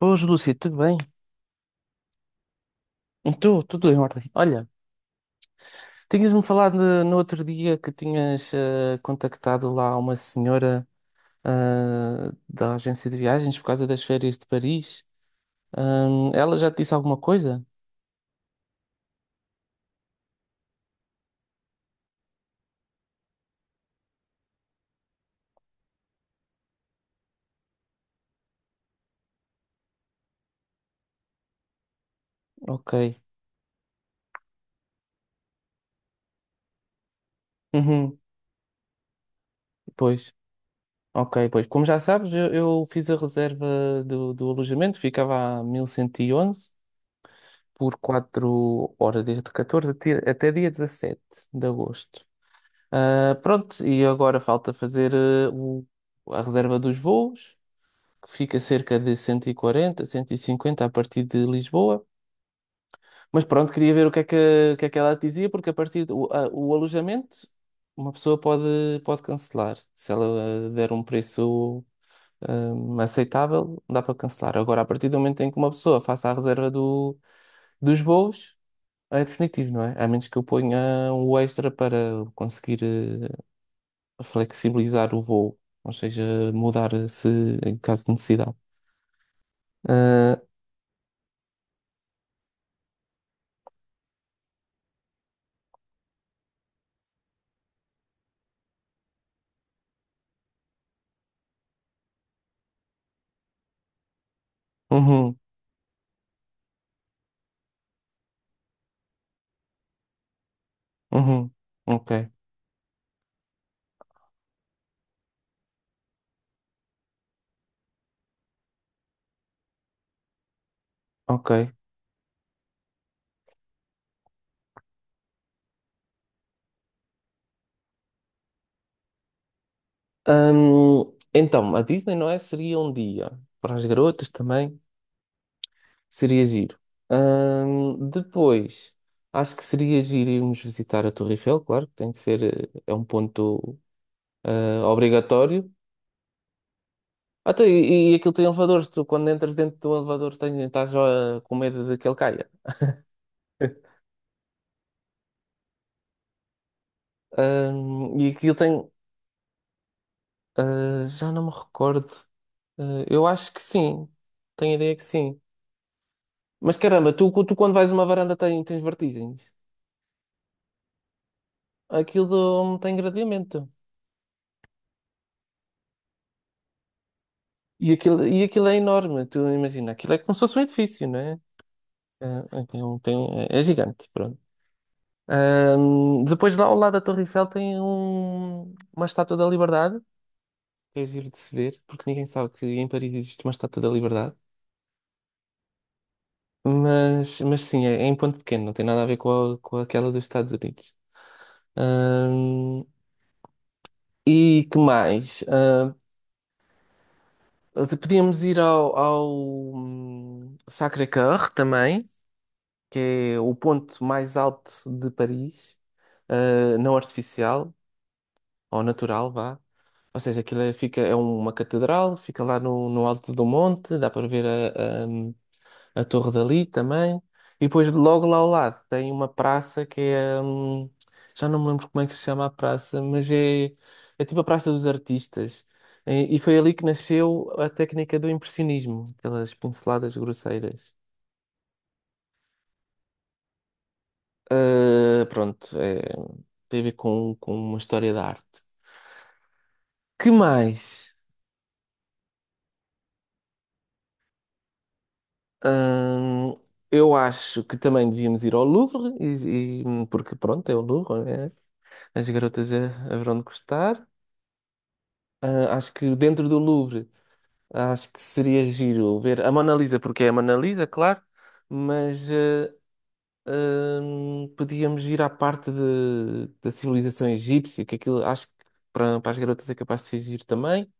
Boas, Lúcia, tudo bem? Então, tudo em ordem. Olha, tinhas-me falado no outro dia que tinhas contactado lá uma senhora da agência de viagens por causa das férias de Paris. Ela já te disse alguma coisa? Ok. Uhum. Pois. Ok, pois. Como já sabes, eu fiz a reserva do alojamento, ficava a 1111. Por 4 horas, desde 14 até dia 17 de agosto. Pronto, e agora falta fazer a reserva dos voos, que fica cerca de cento e 150 a partir de Lisboa. Mas pronto, queria ver o que é que ela dizia, porque a partir do o alojamento, uma pessoa pode cancelar. Se ela der um preço aceitável, dá para cancelar. Agora, a partir do momento em que uma pessoa faça a reserva dos voos, é definitivo, não é? A menos que eu ponha um extra para conseguir flexibilizar o voo, ou seja, mudar se em caso de necessidade. Ah, uhum, uhum. Ok, ok. Então, a Disney, não é? Seria um dia para as garotas também. Seria giro. Depois, acho que seria giro irmos visitar a Torre Eiffel, claro que tem que ser, é um ponto obrigatório. Tá, e aquilo tem elevadores, tu quando entras dentro do elevador tens estás com medo de que ele caia. E aquilo tem, já não me recordo. Ah, eu acho que sim, tenho a ideia que sim. Mas caramba, tu quando vais a uma varanda tens vertigens. Aquilo tem gradeamento. E aquilo é enorme, tu imagina, aquilo é como se fosse um edifício, não é? É, aquilo é gigante, pronto. Depois lá ao lado da Torre Eiffel tem uma estátua da Liberdade, que é giro de se ver, porque ninguém sabe que em Paris existe uma estátua da Liberdade. Mas sim, é em ponto pequeno, não tem nada a ver com, com aquela dos Estados Unidos. Ahm, e que mais? Podíamos ir ao Sacré-Cœur também. Que é o ponto mais alto de Paris, não artificial, ou natural, vá. Ou seja, aquilo é, fica, é uma catedral, fica lá no alto do monte, dá para ver a torre dali também. E depois, logo lá ao lado, tem uma praça que é. Já não me lembro como é que se chama a praça, mas é tipo a Praça dos Artistas. E foi ali que nasceu a técnica do impressionismo, aquelas pinceladas grosseiras. Pronto, é, tem a ver com uma história da arte. Que mais? Hum, eu acho que também devíamos ir ao Louvre, porque pronto, é o Louvre, né? As garotas haverão de gostar. Ah, acho que dentro do Louvre, acho que seria giro ver a Mona Lisa, porque é a Mona Lisa, claro, mas podíamos ir à parte da civilização egípcia, que aquilo acho que para as garotas é capaz de ser giro também.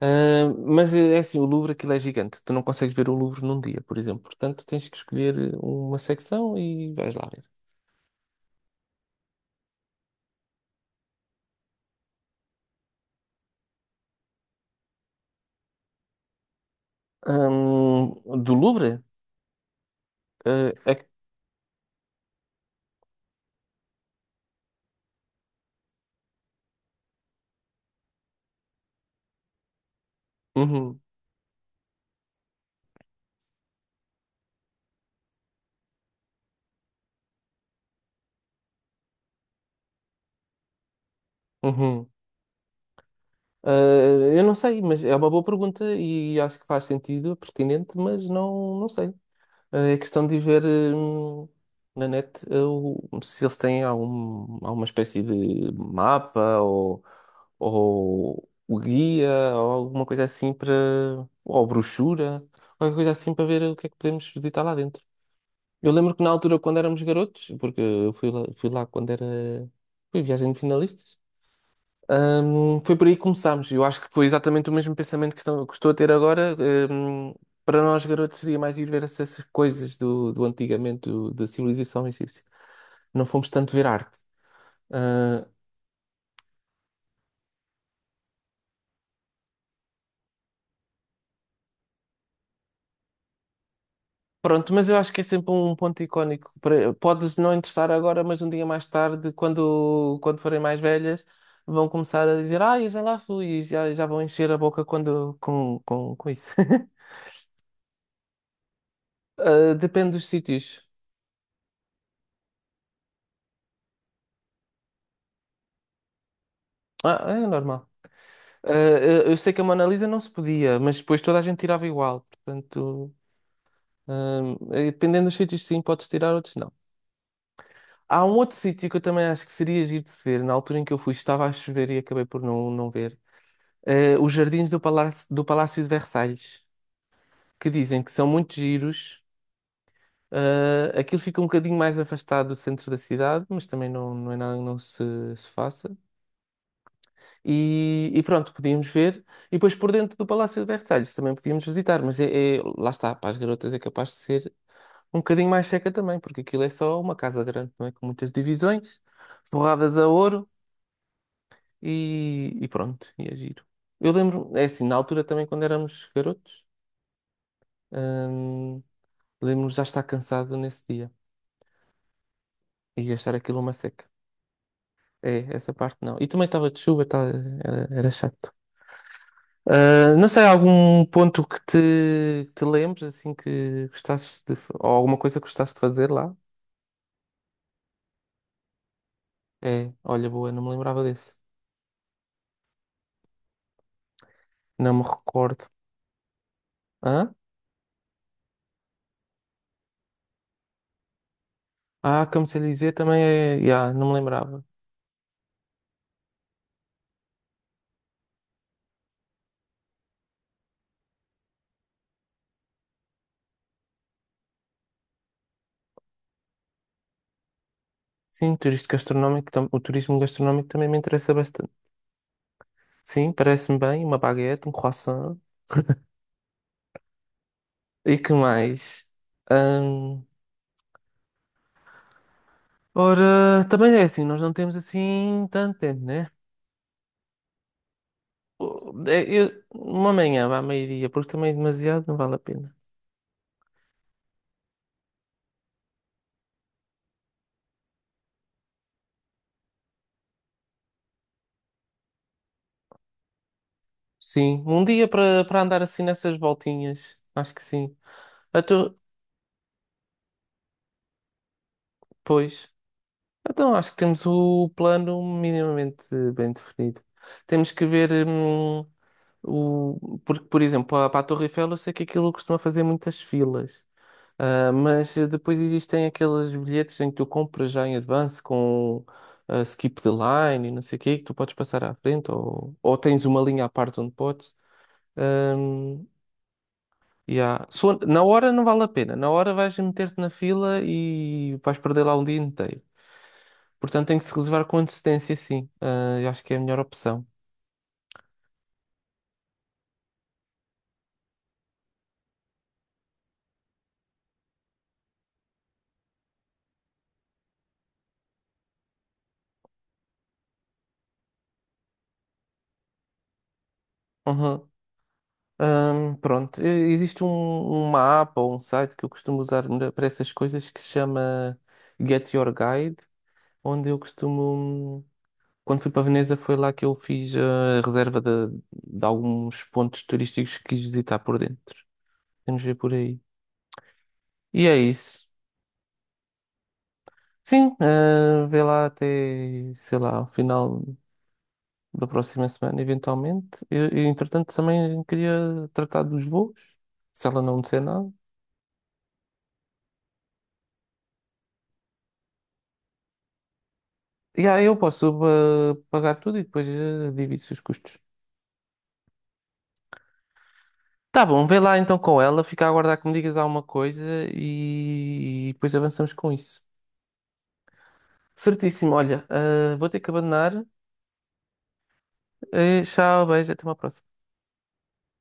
Mas é assim, o Louvre aquilo é gigante. Tu não consegues ver o Louvre num dia, por exemplo. Portanto, tens que escolher uma secção e vais lá ver. Do Louvre? Ah, é que- Uhum, uhum. Ah, eu não sei, mas é uma boa pergunta e acho que faz sentido, é pertinente, mas não, não sei. É questão de ver hum, na net se eles têm alguma espécie de mapa ou o guia ou alguma coisa assim para. Ou brochura, qualquer coisa assim para ver o que é que podemos visitar lá dentro. Eu lembro que na altura, quando éramos garotos, porque eu fui lá quando era. Fui viagem de finalistas. Foi por aí que começámos. Eu acho que foi exatamente o mesmo pensamento que que estou a ter agora. Hum, para nós, garotos, seria mais ir ver essas coisas do antigamente, da civilização egípcia. Não fomos tanto ver arte. Ah, pronto, mas eu acho que é sempre um ponto icónico. Podes não interessar agora, mas um dia mais tarde, quando forem mais velhas, vão começar a dizer: Ah, eu já lá fui, e já vão encher a boca com isso. Ah, depende dos sítios. Ah, é normal. Ah, eu sei que a Mona Lisa não se podia, mas depois toda a gente tirava igual. Portanto, dependendo dos sítios, sim, podes tirar, outros não. Há um outro sítio que eu também acho que seria giro de se ver. Na altura em que eu fui, estava a chover e acabei por não, não ver. Os jardins do Palácio de Versalhes, que dizem que são muito giros. Aquilo fica um bocadinho mais afastado do centro da cidade, mas também não, não é nada que não se faça. E pronto, podíamos ver. E depois por dentro do Palácio de Versalhes também podíamos visitar, mas lá está, para as garotas é capaz de ser um bocadinho mais seca também, porque aquilo é só uma casa grande, não é? Com muitas divisões, forradas a ouro e pronto, e é giro. Eu lembro, é assim, na altura também quando éramos garotos, hum, lembro-me já estar cansado nesse dia e achar aquilo uma seca. É, essa parte não. E também estava de chuva, era chato. Não sei, algum ponto que te lembres, assim, que gostasses de ou alguma coisa que gostasses de fazer lá? É, olha, boa, não me lembrava desse. Não me recordo. Hã? Como se dizer, também é. Yeah, não me lembrava. Sim, turismo gastronómico, o turismo gastronómico também me interessa bastante. Sim, parece-me bem, uma baguete, um croissant. E que mais? Ahn, ora, também é assim, nós não temos assim tanto tempo, né? Uma manhã, vá, meio-dia, porque também é demasiado, não vale a pena. Sim, um dia para andar assim nessas voltinhas. Acho que sim. Então, pois. Então acho que temos o plano minimamente bem definido. Temos que ver o. Porque, por exemplo, para a Torre Eiffel eu sei que aquilo costuma fazer muitas filas. Mas depois existem aqueles bilhetes em que tu compras já em advance com skip the line e não sei o quê, que tu podes passar à frente ou tens uma linha à parte onde podes. Hum, Ya. Se for- Na hora não vale a pena. Na hora vais meter-te na fila e vais perder lá um dia inteiro. Portanto, tem que se reservar com antecedência, sim. Ah, eu acho que é a melhor opção. Pronto, existe uma app ou um site que eu costumo usar para essas coisas que se chama Get Your Guide, onde eu costumo. Quando fui para Veneza, foi lá que eu fiz a reserva de alguns pontos turísticos que quis visitar por dentro. Vamos ver por aí. E é isso. Sim, vê lá até, sei lá, ao final da próxima semana, eventualmente. E, entretanto, também queria tratar dos voos, se ela não disser nada. E aí eu posso pagar tudo e depois divido-se os custos. Tá bom, vê lá então com ela, fica a aguardar que me digas alguma coisa e depois avançamos com isso. Certíssimo, olha, vou ter que abandonar. Eh, tchau, beijo, até uma próxima.